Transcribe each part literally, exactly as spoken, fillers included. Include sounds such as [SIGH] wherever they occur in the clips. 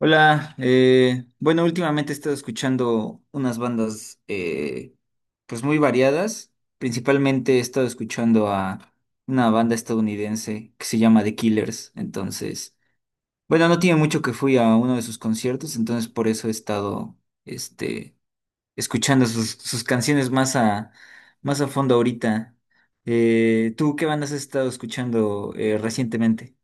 Hola, eh, bueno, últimamente he estado escuchando unas bandas eh, pues muy variadas. Principalmente he estado escuchando a una banda estadounidense que se llama The Killers. Entonces, bueno, no tiene mucho que fui a uno de sus conciertos, entonces por eso he estado este, escuchando sus, sus canciones más a, más a fondo ahorita. Eh, ¿tú qué bandas has estado escuchando eh, recientemente?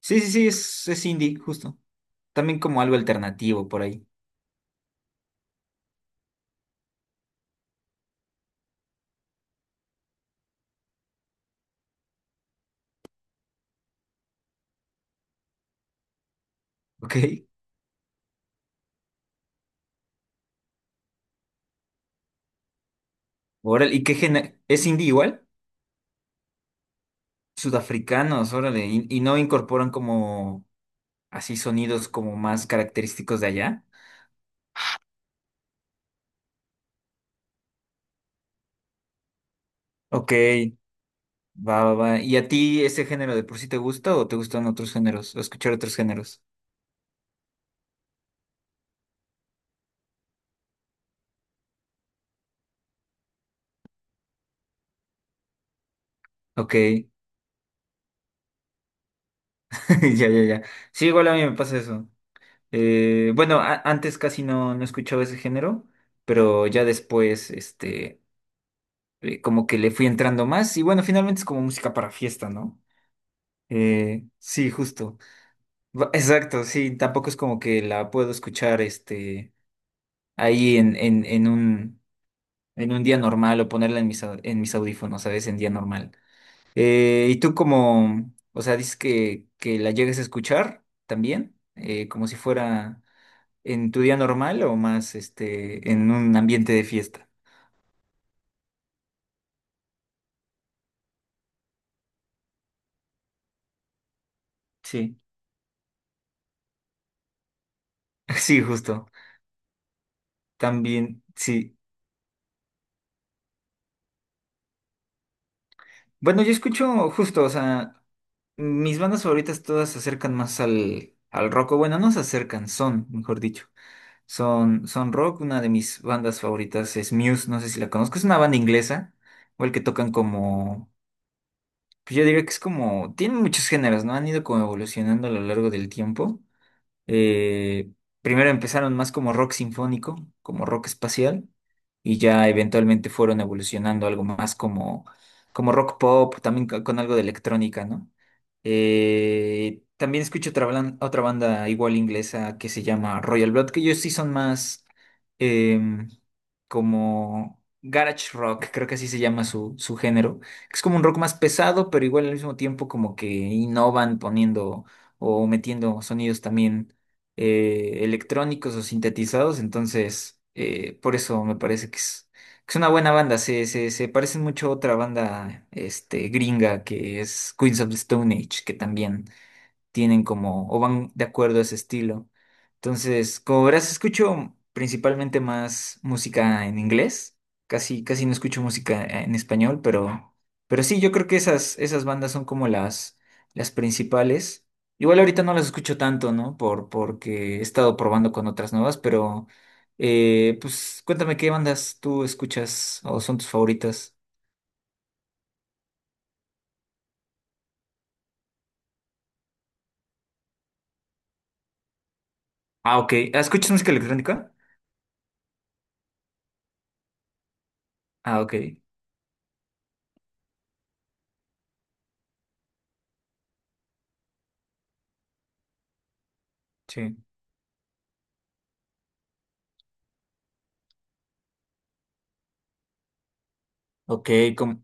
Sí, sí, sí, es, es indie, justo. También como algo alternativo por ahí. Ok. Órale, ¿y qué gena- ¿Es indie igual? Sudafricanos, órale. ¿Y, y no incorporan como así sonidos como más característicos de allá? Ok, va, va, va. ¿Y a ti ese género de por sí te gusta o te gustan otros géneros? ¿O escuchar otros géneros? Ok, [LAUGHS] ya, ya, ya. Sí, igual a mí me pasa eso. Eh, bueno, a- antes casi no, no escuchaba ese género, pero ya después, este, eh, como que le fui entrando más. Y bueno, finalmente es como música para fiesta, ¿no? Eh, sí, justo. Va- Exacto, sí, tampoco es como que la puedo escuchar este ahí en, en, en un, en un día normal o ponerla en mis, au- en mis audífonos, ¿sabes? En día normal. Eh, ¿y tú como, o sea, dices que, que la llegues a escuchar también, eh, como si fuera en tu día normal o más este en un ambiente de fiesta? Sí, [LAUGHS] sí, justo. También, sí. Bueno, yo escucho justo, o sea, mis bandas favoritas todas se acercan más al, al rock, o bueno, no se acercan, son, mejor dicho, son, son rock. Una de mis bandas favoritas es Muse, no sé si la conozco, es una banda inglesa, igual que tocan como, pues yo diría que es como, tienen muchos géneros, ¿no? Han ido como evolucionando a lo largo del tiempo. Eh, primero empezaron más como rock sinfónico, como rock espacial, y ya eventualmente fueron evolucionando algo más como, como rock pop, también co- con algo de electrónica, ¿no? Eh, también escucho otra, blan- otra banda igual inglesa que se llama Royal Blood, que ellos sí son más em, como garage rock, creo que así se llama su, su género. Es como un rock más pesado, pero igual al mismo tiempo como que innovan poniendo o metiendo sonidos también eh, electrónicos o sintetizados, entonces eh, por eso me parece que es, que es una buena banda, se, se, se parecen mucho a otra banda este, gringa que es Queens of the Stone Age, que también tienen como, o van de acuerdo a ese estilo. Entonces, como verás, escucho principalmente más música en inglés. Casi, casi no escucho música en español, pero, pero sí, yo creo que esas, esas bandas son como las, las principales. Igual ahorita no las escucho tanto, ¿no? Por, porque he estado probando con otras nuevas, pero eh, pues cuéntame qué bandas tú escuchas o son tus favoritas. Ah, ok. ¿Ah? ¿Escuchas música electrónica? Ah, ok. Sí. Ok, ¿cómo,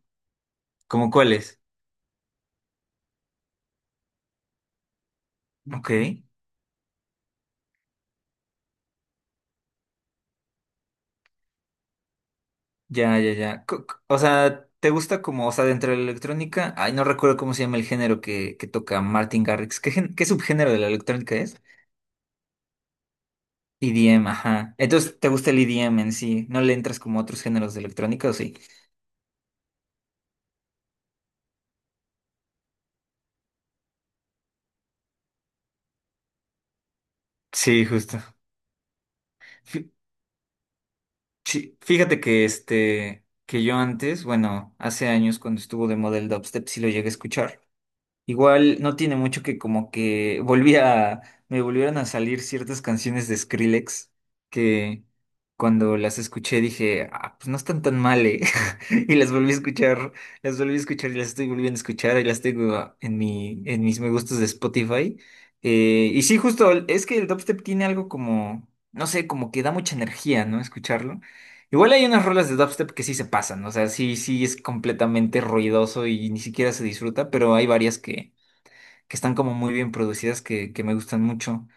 cómo cuáles? Ok, ya, ya, ya. Co- co- O sea, ¿te gusta como, o sea, dentro de la electrónica? Ay, no recuerdo cómo se llama el género que, que toca Martin Garrix. ¿Qué, gen- qué subgénero de la electrónica es? E D M, ajá. Entonces, ¿te gusta el E D M en sí? ¿No le entras como a otros géneros de electrónica o sí? Sí, justo. Fí- sí, Fíjate que este, que yo antes, bueno, hace años cuando estuvo de model dubstep sí lo llegué a escuchar. Igual no tiene mucho que como que volví a, me volvieron a salir ciertas canciones de Skrillex que cuando las escuché dije, ah, pues no están tan mal, eh". [LAUGHS] Y las volví a escuchar, las volví a escuchar y las estoy volviendo a escuchar y las tengo en mi, en mis me gustos de Spotify. Eh, y sí, justo, es que el dubstep tiene algo como, no sé, como que da mucha energía, ¿no? Escucharlo. Igual hay unas rolas de dubstep que sí se pasan, o sea, sí, sí es completamente ruidoso y ni siquiera se disfruta, pero hay varias que que están como muy bien producidas, que, que me gustan mucho.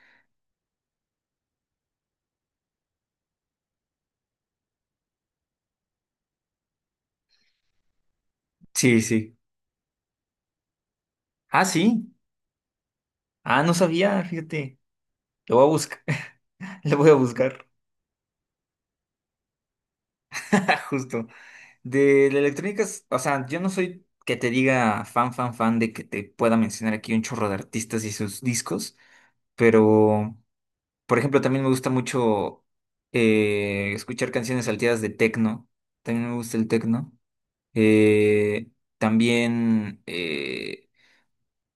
Sí, sí. Ah, sí. Ah, no sabía, fíjate. Lo voy a buscar. [LAUGHS] Lo voy a buscar. [LAUGHS] Justo. De la electrónica, es- o sea, yo no soy que te diga fan, fan, fan de que te pueda mencionar aquí un chorro de artistas y sus discos, pero, por ejemplo, también me gusta mucho eh, escuchar canciones salteadas de techno. También me gusta el techno. Eh, también eh,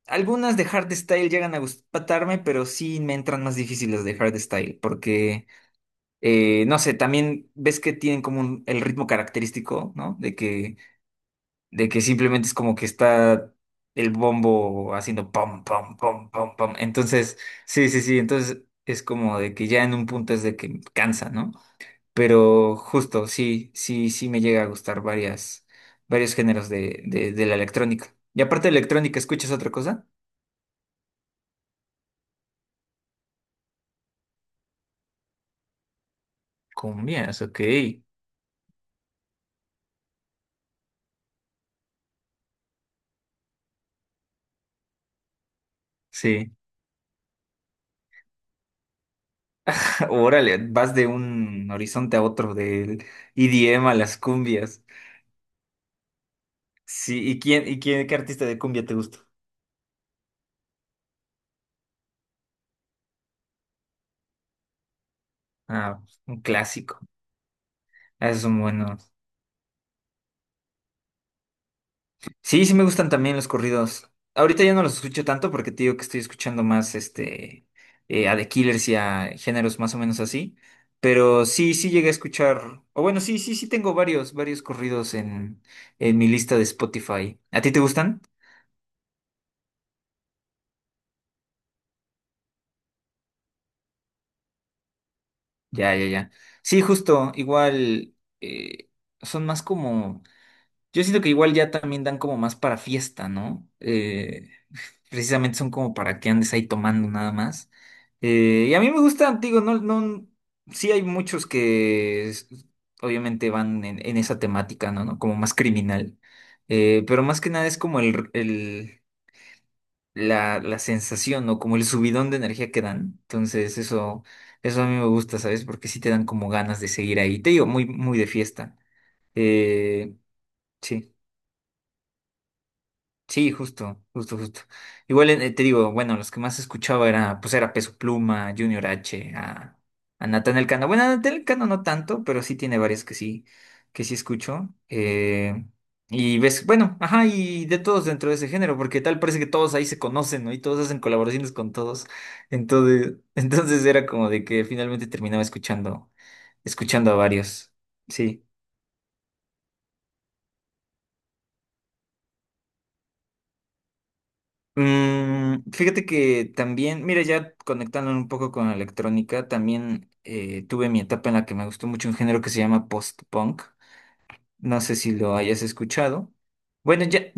algunas de hardstyle llegan a gustarme, pero sí me entran más difíciles de hardstyle, porque, eh, no sé, también ves que tienen como un- el ritmo característico, ¿no? De que, de que simplemente es como que está el bombo haciendo pom, pom, pom, pom, pom. Entonces, sí, sí, sí, entonces es como de que ya en un punto es de que cansa, ¿no? Pero justo, sí, sí, sí me llega a gustar varias, varios géneros de, de, de la electrónica. Y aparte de electrónica, ¿escuchas otra cosa? Cumbias, ok. Sí. [LAUGHS] Órale, vas de un horizonte a otro, del I D M a las cumbias. Sí, ¿y quién, y quién, qué artista de cumbia te gusta? Ah, un clásico. Ah, esos son buenos. Sí, sí me gustan también los corridos. Ahorita ya no los escucho tanto porque te digo que estoy escuchando más este eh, a The Killers y a géneros más o menos así. Pero sí, sí llegué a escuchar. O bueno, sí, sí, sí tengo varios, varios corridos en, en mi lista de Spotify. ¿A ti te gustan? Ya, ya, ya. Sí, justo, igual eh, son más como. Yo siento que igual ya también dan como más para fiesta, ¿no? Eh, [LAUGHS] precisamente son como para que andes ahí tomando nada más. Eh, y a mí me gustan, digo, no, no. Sí hay muchos que es- obviamente van en, en esa temática, ¿no? ¿no? Como más criminal. Eh, pero más que nada es como el, el la, la sensación o como el subidón de energía que dan. Entonces, eso, eso a mí me gusta, ¿sabes? Porque sí te dan como ganas de seguir ahí. Te digo, muy, muy de fiesta. Eh, sí. Sí, justo, justo, justo. Igual eh, te digo, bueno, los que más escuchaba era, pues era Peso Pluma, Junior H, a, a Natán Elcano. Bueno, a Natán Elcano no tanto, pero sí tiene varias que sí, que sí escucho. Eh, y ves, bueno, ajá, y de todos dentro de ese género, porque tal parece que todos ahí se conocen, ¿no? Y todos hacen colaboraciones con todos. Entonces, [LAUGHS] entonces era como de que finalmente terminaba escuchando, escuchando a varios. Sí. Mm, fíjate que también, mira, ya conectándolo un poco con la electrónica, también eh, tuve mi etapa en la que me gustó mucho un género que se llama post-punk. No sé si lo hayas escuchado. Bueno, ya,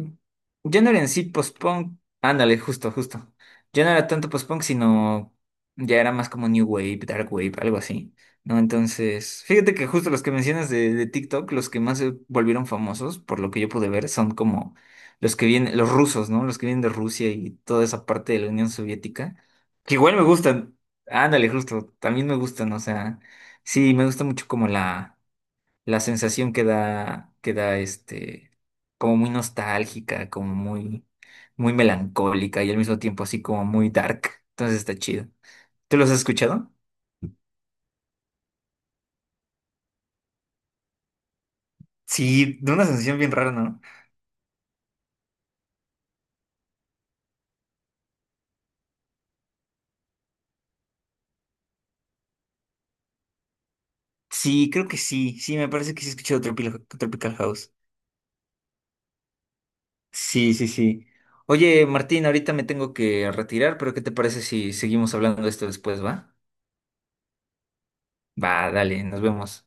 ya no era en sí post-punk. Ándale, justo, justo. Ya no era tanto post-punk, sino ya era más como New Wave, Dark Wave, algo así. ¿No? Entonces, fíjate que justo los que mencionas de, de TikTok, los que más se volvieron famosos, por lo que yo pude ver, son como los que vienen, los rusos, ¿no? Los que vienen de Rusia y toda esa parte de la Unión Soviética, que igual me gustan. Ándale, justo, también me gustan, o sea, sí, me gusta mucho como la la sensación que da, que da este, como muy nostálgica, como muy, muy melancólica y al mismo tiempo así como muy dark. Entonces está chido. ¿Tú los has escuchado? Sí, de una sensación bien rara, ¿no? Sí, creo que sí. Sí, me parece que sí he escuchado Tropical, Tropical House. Sí, sí, sí. Oye, Martín, ahorita me tengo que retirar, pero ¿qué te parece si seguimos hablando de esto después, va? Va, dale, nos vemos.